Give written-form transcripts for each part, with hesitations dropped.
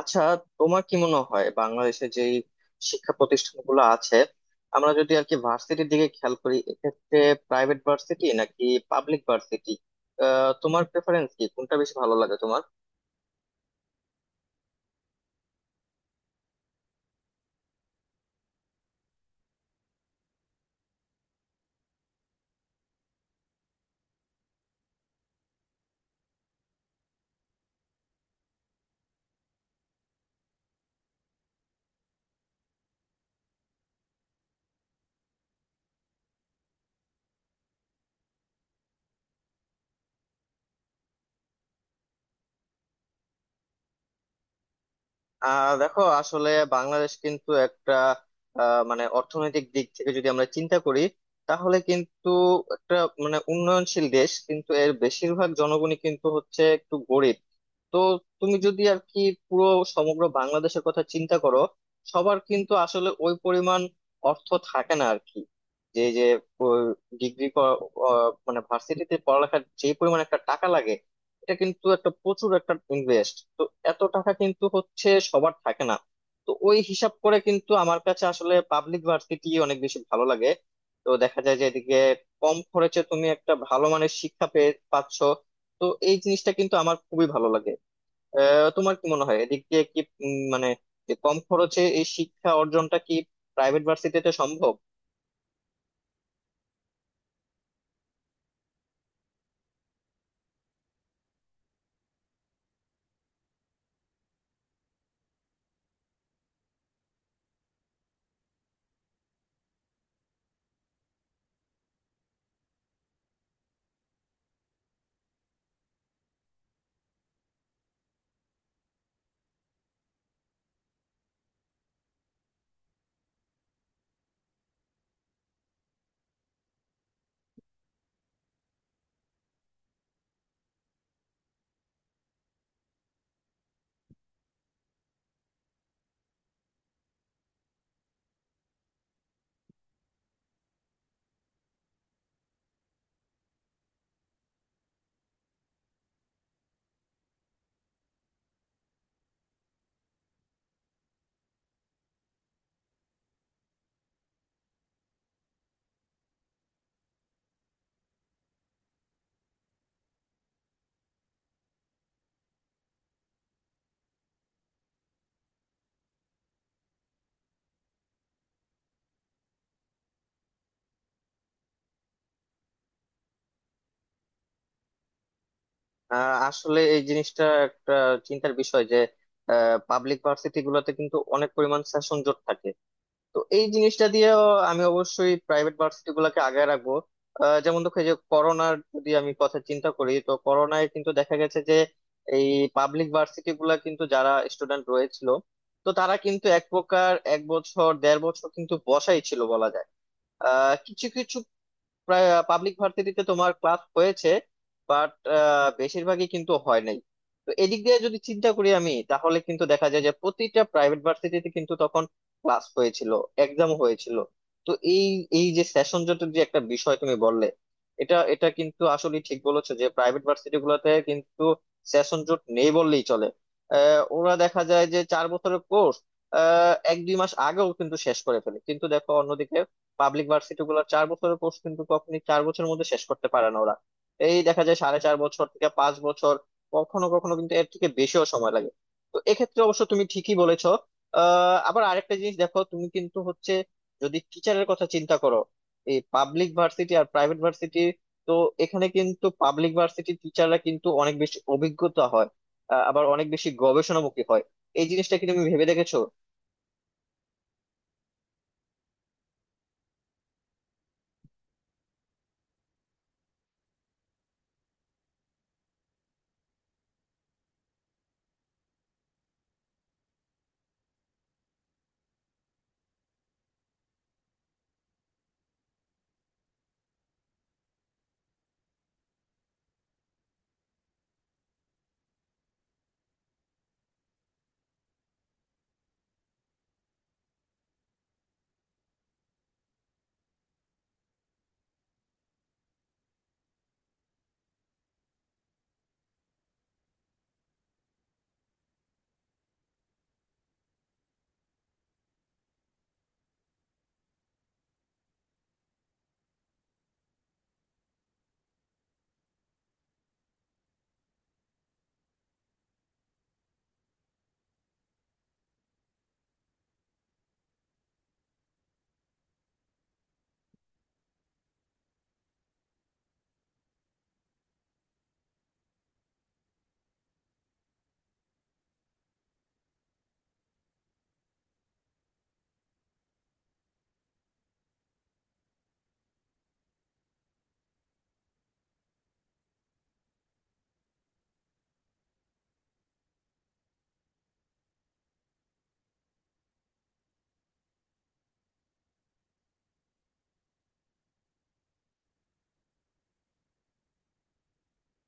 আচ্ছা, তোমার কি মনে হয় বাংলাদেশে যে শিক্ষা প্রতিষ্ঠানগুলো আছে, আমরা যদি আর কি ভার্সিটির দিকে খেয়াল করি, এক্ষেত্রে প্রাইভেট ভার্সিটি নাকি পাবলিক ভার্সিটি তোমার প্রেফারেন্স, কি কোনটা বেশি ভালো লাগে তোমার? দেখো, আসলে বাংলাদেশ কিন্তু একটা মানে অর্থনৈতিক দিক থেকে যদি আমরা চিন্তা করি তাহলে কিন্তু একটা, মানে উন্নয়নশীল দেশ, কিন্তু এর বেশিরভাগ জনগণই কিন্তু হচ্ছে একটু গরিব। তো তুমি যদি আর কি পুরো সমগ্র বাংলাদেশের কথা চিন্তা করো, সবার কিন্তু আসলে ওই পরিমাণ অর্থ থাকে না আর কি। যে যে ডিগ্রি, মানে ভার্সিটিতে পড়ালেখার যে পরিমাণ একটা টাকা লাগে, এটা কিন্তু একটা প্রচুর একটা ইনভেস্ট। তো এত টাকা কিন্তু হচ্ছে সবার থাকে না। তো ওই হিসাব করে কিন্তু আমার কাছে আসলে পাবলিক ভার্সিটি অনেক বেশি ভালো লাগে। তো দেখা যায় যে এদিকে কম খরচে তুমি একটা ভালো মানের শিক্ষা পাচ্ছ। তো এই জিনিসটা কিন্তু আমার খুবই ভালো লাগে। তোমার কি মনে হয় এদিক দিয়ে কি, মানে যে কম খরচে এই শিক্ষা অর্জনটা কি প্রাইভেট ভার্সিটিতে সম্ভব? আসলে এই জিনিসটা একটা চিন্তার বিষয় যে পাবলিক ভার্সিটি গুলোতে কিন্তু অনেক পরিমাণ সেশন জট থাকে। তো এই জিনিসটা দিয়েও আমি অবশ্যই প্রাইভেট ভার্সিটি গুলাকে আগায় রাখবো। যেমন দেখো, এই যে করোনার যদি আমি কথা চিন্তা করি, তো করোনায় কিন্তু দেখা গেছে যে এই পাবলিক ভার্সিটি গুলা কিন্তু যারা স্টুডেন্ট রয়েছিল, তো তারা কিন্তু এক প্রকার এক বছর দেড় বছর কিন্তু বসাই ছিল বলা যায়। কিছু কিছু প্রায় পাবলিক ভার্সিটিতে তোমার ক্লাস হয়েছে, বাট বেশিরভাগই কিন্তু হয় নাই। তো এদিক দিয়ে যদি চিন্তা করি আমি, তাহলে কিন্তু দেখা যায় যে প্রতিটা প্রাইভেট ভার্সিটিতে কিন্তু তখন ক্লাস হয়েছিল, এক্সাম হয়েছিল। তো এই এই যে সেশন জট যে একটা বিষয় তুমি বললে, এটা এটা কিন্তু আসলে ঠিক বলেছো যে প্রাইভেট ভার্সিটি গুলোতে কিন্তু সেশন জট নেই বললেই চলে। ওরা দেখা যায় যে চার বছরের কোর্স এক দুই মাস আগেও কিন্তু শেষ করে ফেলে, কিন্তু দেখো অন্যদিকে পাবলিক ভার্সিটি গুলো চার বছরের কোর্স কিন্তু কখনই চার বছরের মধ্যে শেষ করতে পারে না ওরা। এই দেখা যায় সাড়ে চার বছর থেকে পাঁচ বছর, কখনো কখনো কিন্তু এর থেকে বেশিও সময় লাগে। তো এক্ষেত্রে অবশ্য তুমি ঠিকই বলেছো। আবার আরেকটা জিনিস দেখো, তুমি কিন্তু হচ্ছে যদি টিচারের কথা চিন্তা করো, এই পাবলিক ভার্সিটি আর প্রাইভেট ভার্সিটি, তো এখানে কিন্তু পাবলিক ভার্সিটি টিচাররা কিন্তু অনেক বেশি অভিজ্ঞতা হয়। আবার অনেক বেশি গবেষণামুখী হয়। এই জিনিসটা কি তুমি ভেবে দেখেছো?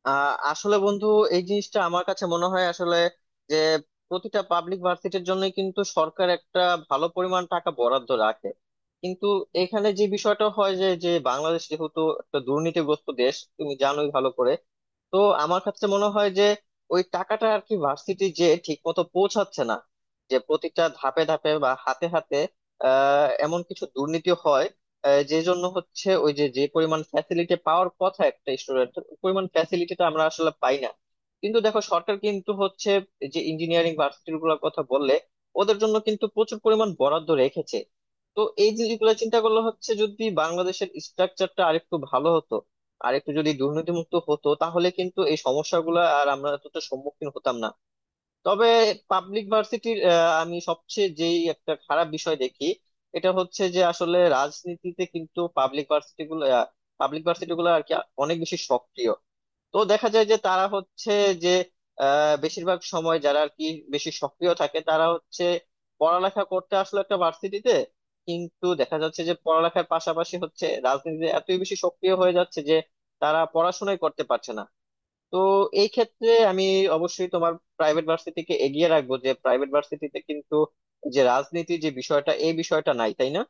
আসলে বন্ধু, এই জিনিসটা আমার কাছে মনে হয় আসলে যে প্রতিটা পাবলিক ভার্সিটির জন্য কিন্তু সরকার একটা ভালো পরিমাণ টাকা বরাদ্দ রাখে, কিন্তু এখানে যে বিষয়টা হয় যে যে বাংলাদেশ যেহেতু একটা দুর্নীতিগ্রস্ত দেশ, তুমি জানোই ভালো করে। তো আমার কাছে মনে হয় যে ওই টাকাটা আর কি ভার্সিটি যে ঠিক মতো পৌঁছাচ্ছে না, যে প্রতিটা ধাপে ধাপে বা হাতে হাতে এমন কিছু দুর্নীতি হয়, যে জন্য হচ্ছে ওই যে যে পরিমাণ ফ্যাসিলিটি পাওয়ার কথা একটা স্টুডেন্টের, পরিমাণ ফ্যাসিলিটিটা আমরা আসলে পাই না। কিন্তু দেখো সরকার কিন্তু হচ্ছে যে ইঞ্জিনিয়ারিং ভার্সিটি গুলোর কথা বললে, ওদের জন্য কিন্তু প্রচুর পরিমাণ বরাদ্দ রেখেছে। তো এই জিনিসগুলো চিন্তা করলে হচ্ছে যদি বাংলাদেশের স্ট্রাকচারটা আরেকটু ভালো হতো, আরেকটু যদি দুর্নীতিমুক্ত হতো, তাহলে কিন্তু এই সমস্যাগুলো আর আমরা এতটা সম্মুখীন হতাম না। তবে পাবলিক ভার্সিটির আমি সবচেয়ে যেই একটা খারাপ বিষয় দেখি, এটা হচ্ছে যে আসলে রাজনীতিতে কিন্তু পাবলিক ভার্সিটি গুলো আর কি অনেক বেশি সক্রিয়। তো দেখা যায় যে তারা হচ্ছে যে বেশিরভাগ সময় যারা আর কি বেশি সক্রিয় থাকে তারা হচ্ছে পড়ালেখা করতে আসলো একটা ভার্সিটিতে, কিন্তু দেখা যাচ্ছে যে পড়ালেখার পাশাপাশি হচ্ছে রাজনীতিতে এতই বেশি সক্রিয় হয়ে যাচ্ছে যে তারা পড়াশোনাই করতে পারছে না। তো এই ক্ষেত্রে আমি অবশ্যই তোমার প্রাইভেট ভার্সিটিকে এগিয়ে রাখবো যে প্রাইভেট ভার্সিটিতে কিন্তু যে রাজনীতি যে বিষয়টা, এই বিষয়টা নাই, তাই না?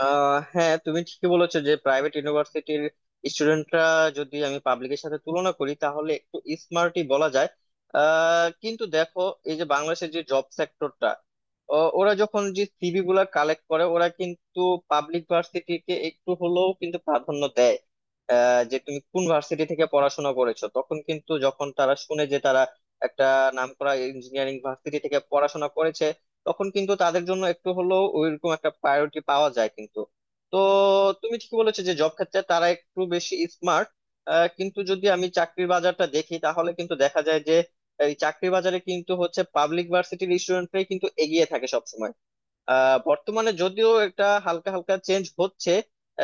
হ্যাঁ, তুমি ঠিকই বলেছো যে প্রাইভেট ইউনিভার্সিটির স্টুডেন্টরা, যদি আমি পাবলিকের সাথে তুলনা করি, তাহলে একটু স্মার্টই বলা যায়। কিন্তু দেখো, এই যে বাংলাদেশের যে জব সেক্টরটা, ওরা যখন যে সিভি গুলা কালেক্ট করে ওরা কিন্তু পাবলিক ভার্সিটিকে একটু হলেও কিন্তু প্রাধান্য দেয়। যে তুমি কোন ভার্সিটি থেকে পড়াশোনা করেছো, তখন কিন্তু যখন তারা শুনে যে তারা একটা নামকরা ইঞ্জিনিয়ারিং ভার্সিটি থেকে পড়াশোনা করেছে, তখন কিন্তু তাদের জন্য একটু হলেও ওইরকম একটা প্রায়োরিটি পাওয়া যায় কিন্তু। তো তুমি ঠিকই বলেছো যে জব ক্ষেত্রে তারা একটু বেশি স্মার্ট, কিন্তু যদি আমি চাকরির বাজারটা দেখি তাহলে কিন্তু দেখা যায় যে এই চাকরির বাজারে কিন্তু হচ্ছে পাবলিক ভার্সিটির স্টুডেন্টরাই কিন্তু এগিয়ে থাকে সবসময়। বর্তমানে যদিও একটা হালকা হালকা চেঞ্জ হচ্ছে,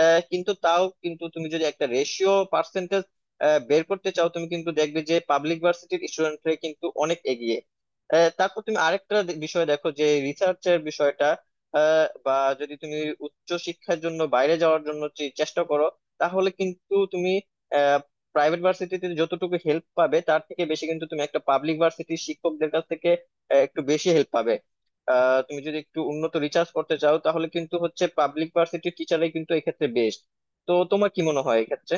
কিন্তু তাও কিন্তু তুমি যদি একটা রেশিও পার্সেন্টেজ বের করতে চাও, তুমি কিন্তু দেখবে যে পাবলিক ভার্সিটির স্টুডেন্টরা কিন্তু অনেক এগিয়ে। তারপর তুমি আরেকটা বিষয় দেখো, যে রিসার্চের বিষয়টা, বা যদি তুমি উচ্চ শিক্ষার জন্য বাইরে যাওয়ার জন্য চেষ্টা করো, তাহলে কিন্তু তুমি প্রাইভেট ভার্সিটিতে যতটুকু হেল্প পাবে তার থেকে বেশি কিন্তু তুমি একটা পাবলিক ভার্সিটির শিক্ষকদের কাছ থেকে একটু বেশি হেল্প পাবে। তুমি যদি একটু উন্নত রিসার্চ করতে চাও, তাহলে কিন্তু হচ্ছে পাবলিক ভার্সিটির টিচারই কিন্তু এক্ষেত্রে বেস্ট। তো তোমার কি মনে হয় এক্ষেত্রে?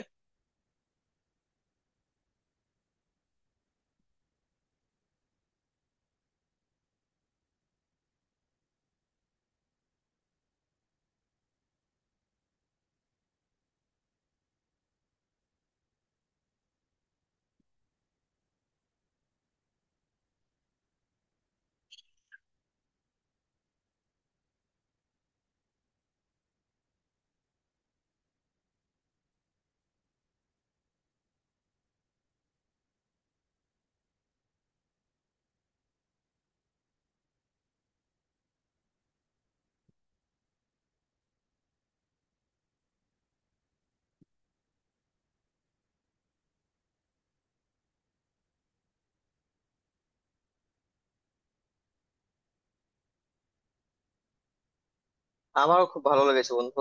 আমারও খুব ভালো লেগেছে বন্ধু।